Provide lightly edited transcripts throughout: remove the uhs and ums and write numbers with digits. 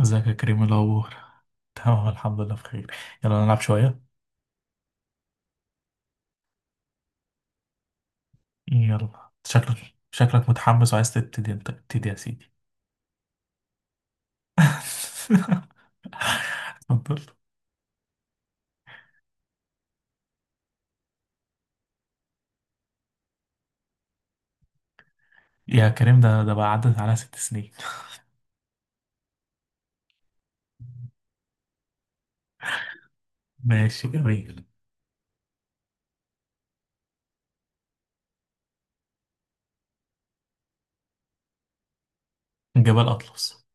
ازيك يا كريم، إيه الأخبار؟ تمام، الحمد لله بخير. يلا نلعب شوية. يلا، شكلك متحمس وعايز تبتدي، انت ابتدي يا سيدي. اتفضل. يا كريم، ده بقى عدت على 6 سنين. ماشي جميل. جبل أطلس.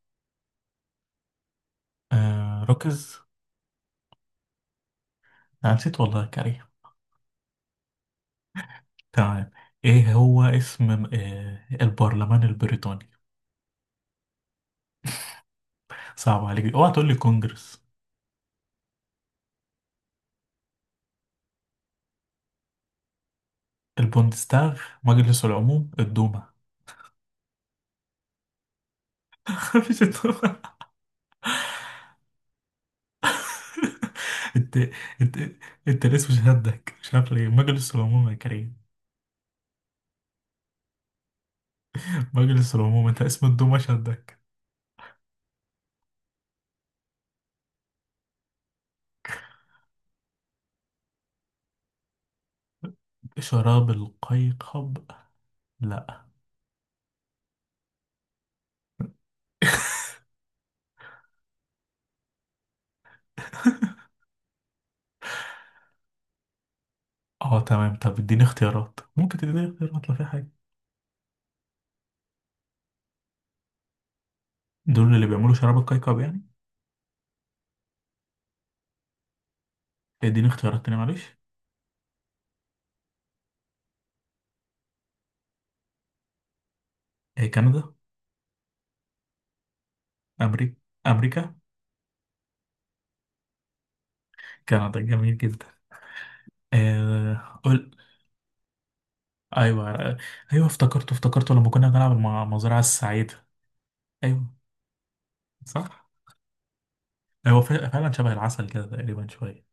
آه ركز. أنا نسيت والله يا كريم. تمام. ايه هو اسم البرلمان البريطاني؟ صعب عليك، اوعى تقول لي كونجرس، البوندستاغ، مجلس العموم، الدوما. مفيش الدوما. انت. انت. انت الاسم شدك، مش عارف ليه مجلس العموم يا كريم. مجلس العموم، انت اسم الدومة شدك. شراب القيقب؟ لا. اه تمام، طب اديني اختيارات، ممكن تديني اختيارات لو في حاجة. دول اللي بيعملوا شراب القيقب يعني؟ اديني اختيارات تاني معلش. ايه كندا. امريكا، امريكا. كندا جميل جدا. قول. ايوه. ايوه افتكرته افتكرته لما كنا بنلعب المزرعة السعيدة. ايوه صح. ايوه فعلا شبه العسل كده تقريبا شوية.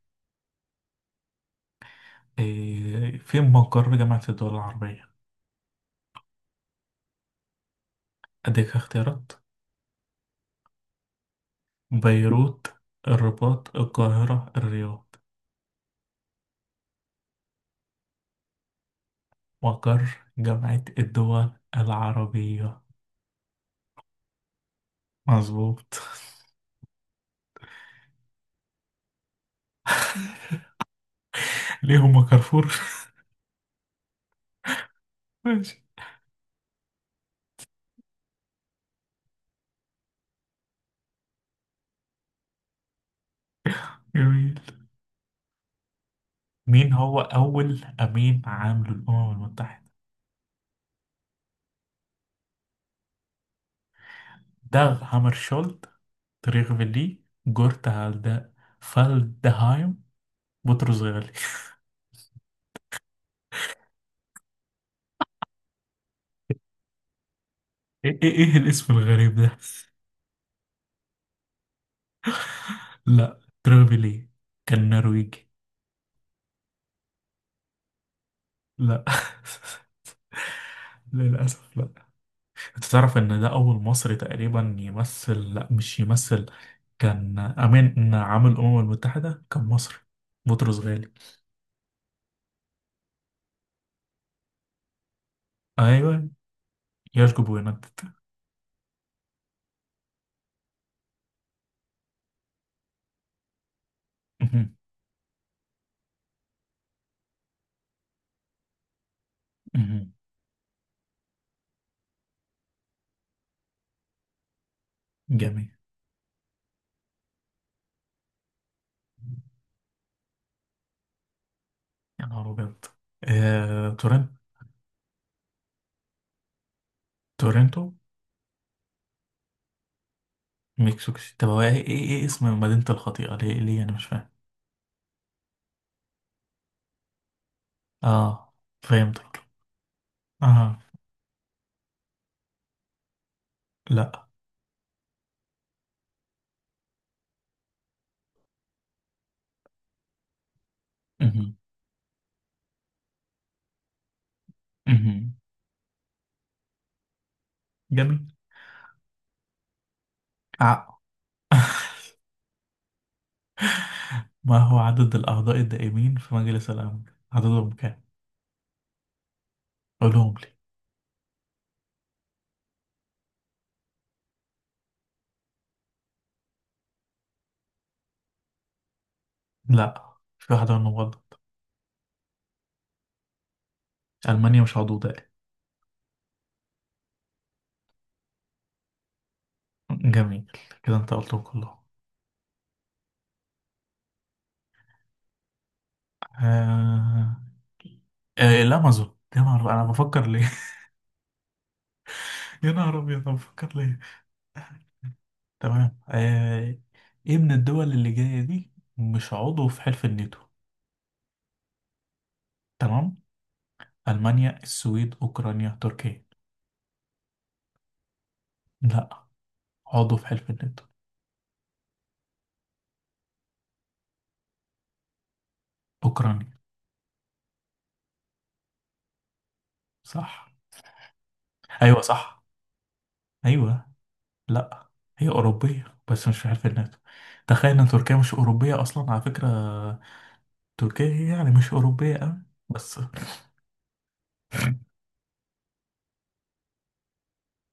إيه، فين مقر جامعة الدول العربية؟ أديك اختيارات، بيروت، الرباط، القاهرة، الرياض. مقر جامعة الدول العربية. مظبوط. ليهم كارفور. ماشي جميل. مين هو أول أمين عام للأمم المتحدة؟ داغ هامرشولد، تريغ فيلي، جورت هالدا، فالدهايم، بطرس غالي. ايه ايه إيه الاسم الغريب ده؟ لا تريغ فيلي، كان نرويجي. لا. للأسف لا. انت تعرف ان ده اول مصري تقريبا يمثل، لا مش يمثل، كان امين عامل الامم المتحدة، كان مصري. بطرس غالي. ايوه يشجب وينتت. مهم. مهم. جميل. يا نهار ابيض. آه، تورنت تورنتو. مكسيكو سيتي طب هو ايه ايه إيه اسم مدينة الخطيئة؟ ليه انا مش فاهم. اه فهمتك. اه. لا. مهم. مهم. جميل. عقل. ما هو عدد الأعضاء الدائمين في مجلس الأمن؟ عددهم كام؟ قولهم لي. لا في واحدة منهم غلط، ألمانيا مش عضو دائم. جميل، كده أنت قلتهم كلهم. آه... الأمازون. يا نهار أنا بفكر ليه. يا نهار أبيض أنا بفكر ليه. تمام. إيه من الدول اللي جاية دي مش عضو في حلف الناتو؟ تمام. ألمانيا، السويد، أوكرانيا، تركيا. لا عضو في حلف الناتو. أوكرانيا صح. أيوة صح. أيوة. لا هي أوروبية بس مش في حلف الناتو. تخيل إن تركيا مش أوروبية أصلا على فكرة، تركيا هي يعني مش أوروبية أوي. بس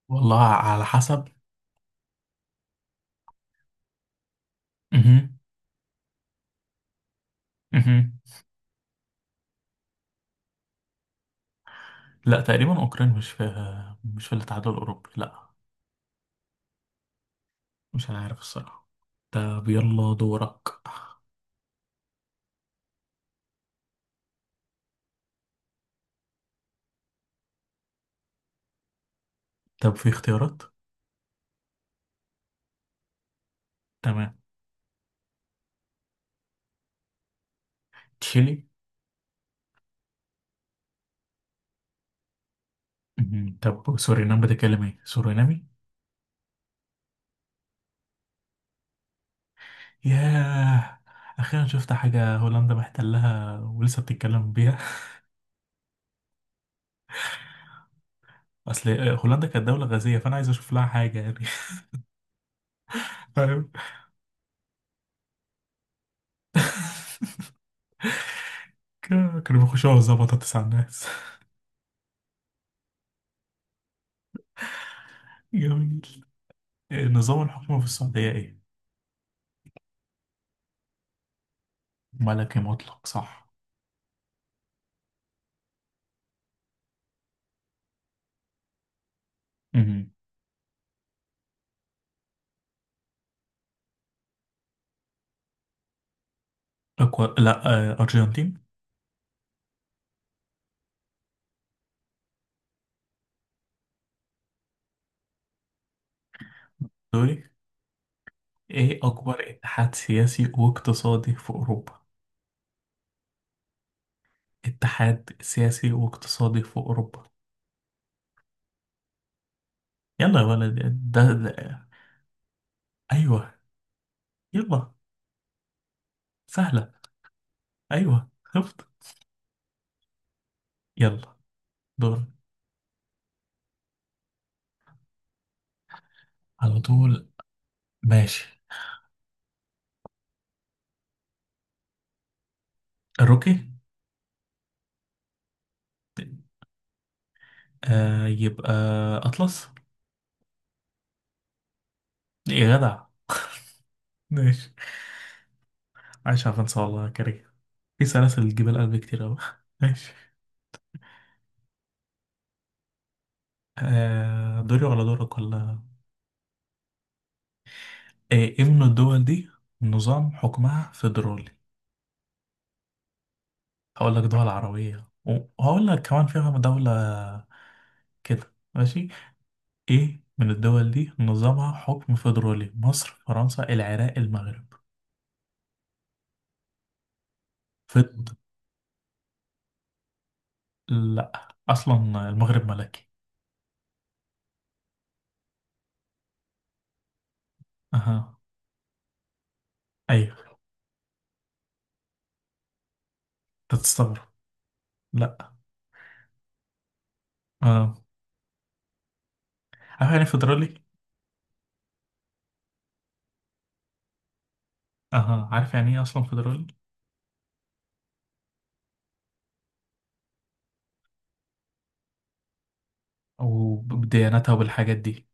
والله على حسب. مهم. مهم. لا تقريبا أوكران مش في، مش في الاتحاد الأوروبي، لا. مش عارف الصراحة. طب يلا دورك. طب في اختيارات؟ تمام. تشيلي. مهم. طب سورينام بتتكلم ايه، سورينامي؟ ياه، أخيرا شفت حاجة هولندا محتلها ولسه بتتكلم بيها. اصل هولندا كانت دولة غازية، فانا عايز اشوف لها حاجة يعني. فاهم. كانوا بيخشوا على بطاطس على الناس. جميل. نظام الحكم في السعودية ايه؟ ملكي مطلق صح. مهم. أكبر، لا أرجنتين. سوري. ايه أكبر اتحاد سياسي واقتصادي في أوروبا؟ اتحاد سياسي واقتصادي في أوروبا. يلا يا ولد. ده, ده. أيوه. يلا. سهلة. أيوه خفت. يلا. دور. على طول، ماشي. الروكي. يبقى أطلس. يا جدع. ماشي. عايش على فرنسا والله يا كريم. في سلاسل جبال قلب كتير أوي. ماشي. دوري ولا دورك ولا؟ إيه من الدول دي نظام حكمها فيدرالي؟ هقول لك دول عربية وهقول لك كمان فيها دولة. كده ماشي. إيه من الدول دي نظامها حكم فيدرالي؟ مصر، فرنسا، العراق، المغرب. فيد لا أصلا المغرب ملكي. أها. أيوه. أنت تستغرب. لا. اه. عارف يعني إيه فيدرالي؟ اها عارف يعني ايه اصلا فيدرالي؟ وبديانتها وبالحاجات دي.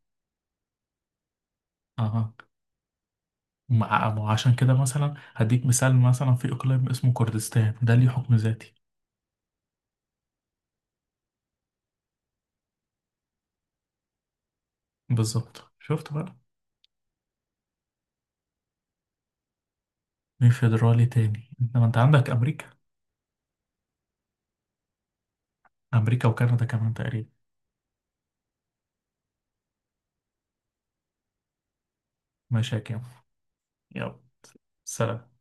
اها. مع ما هو عشان كده مثلا هديك مثال، مثلا في اقليم اسمه كردستان ده ليه حكم ذاتي. بالظبط شفت بقى. مين فيدرالي تاني انت؟ ما انت عندك امريكا. امريكا وكندا كمان تقريبا. ماشي يا كيمو. يلا سلام.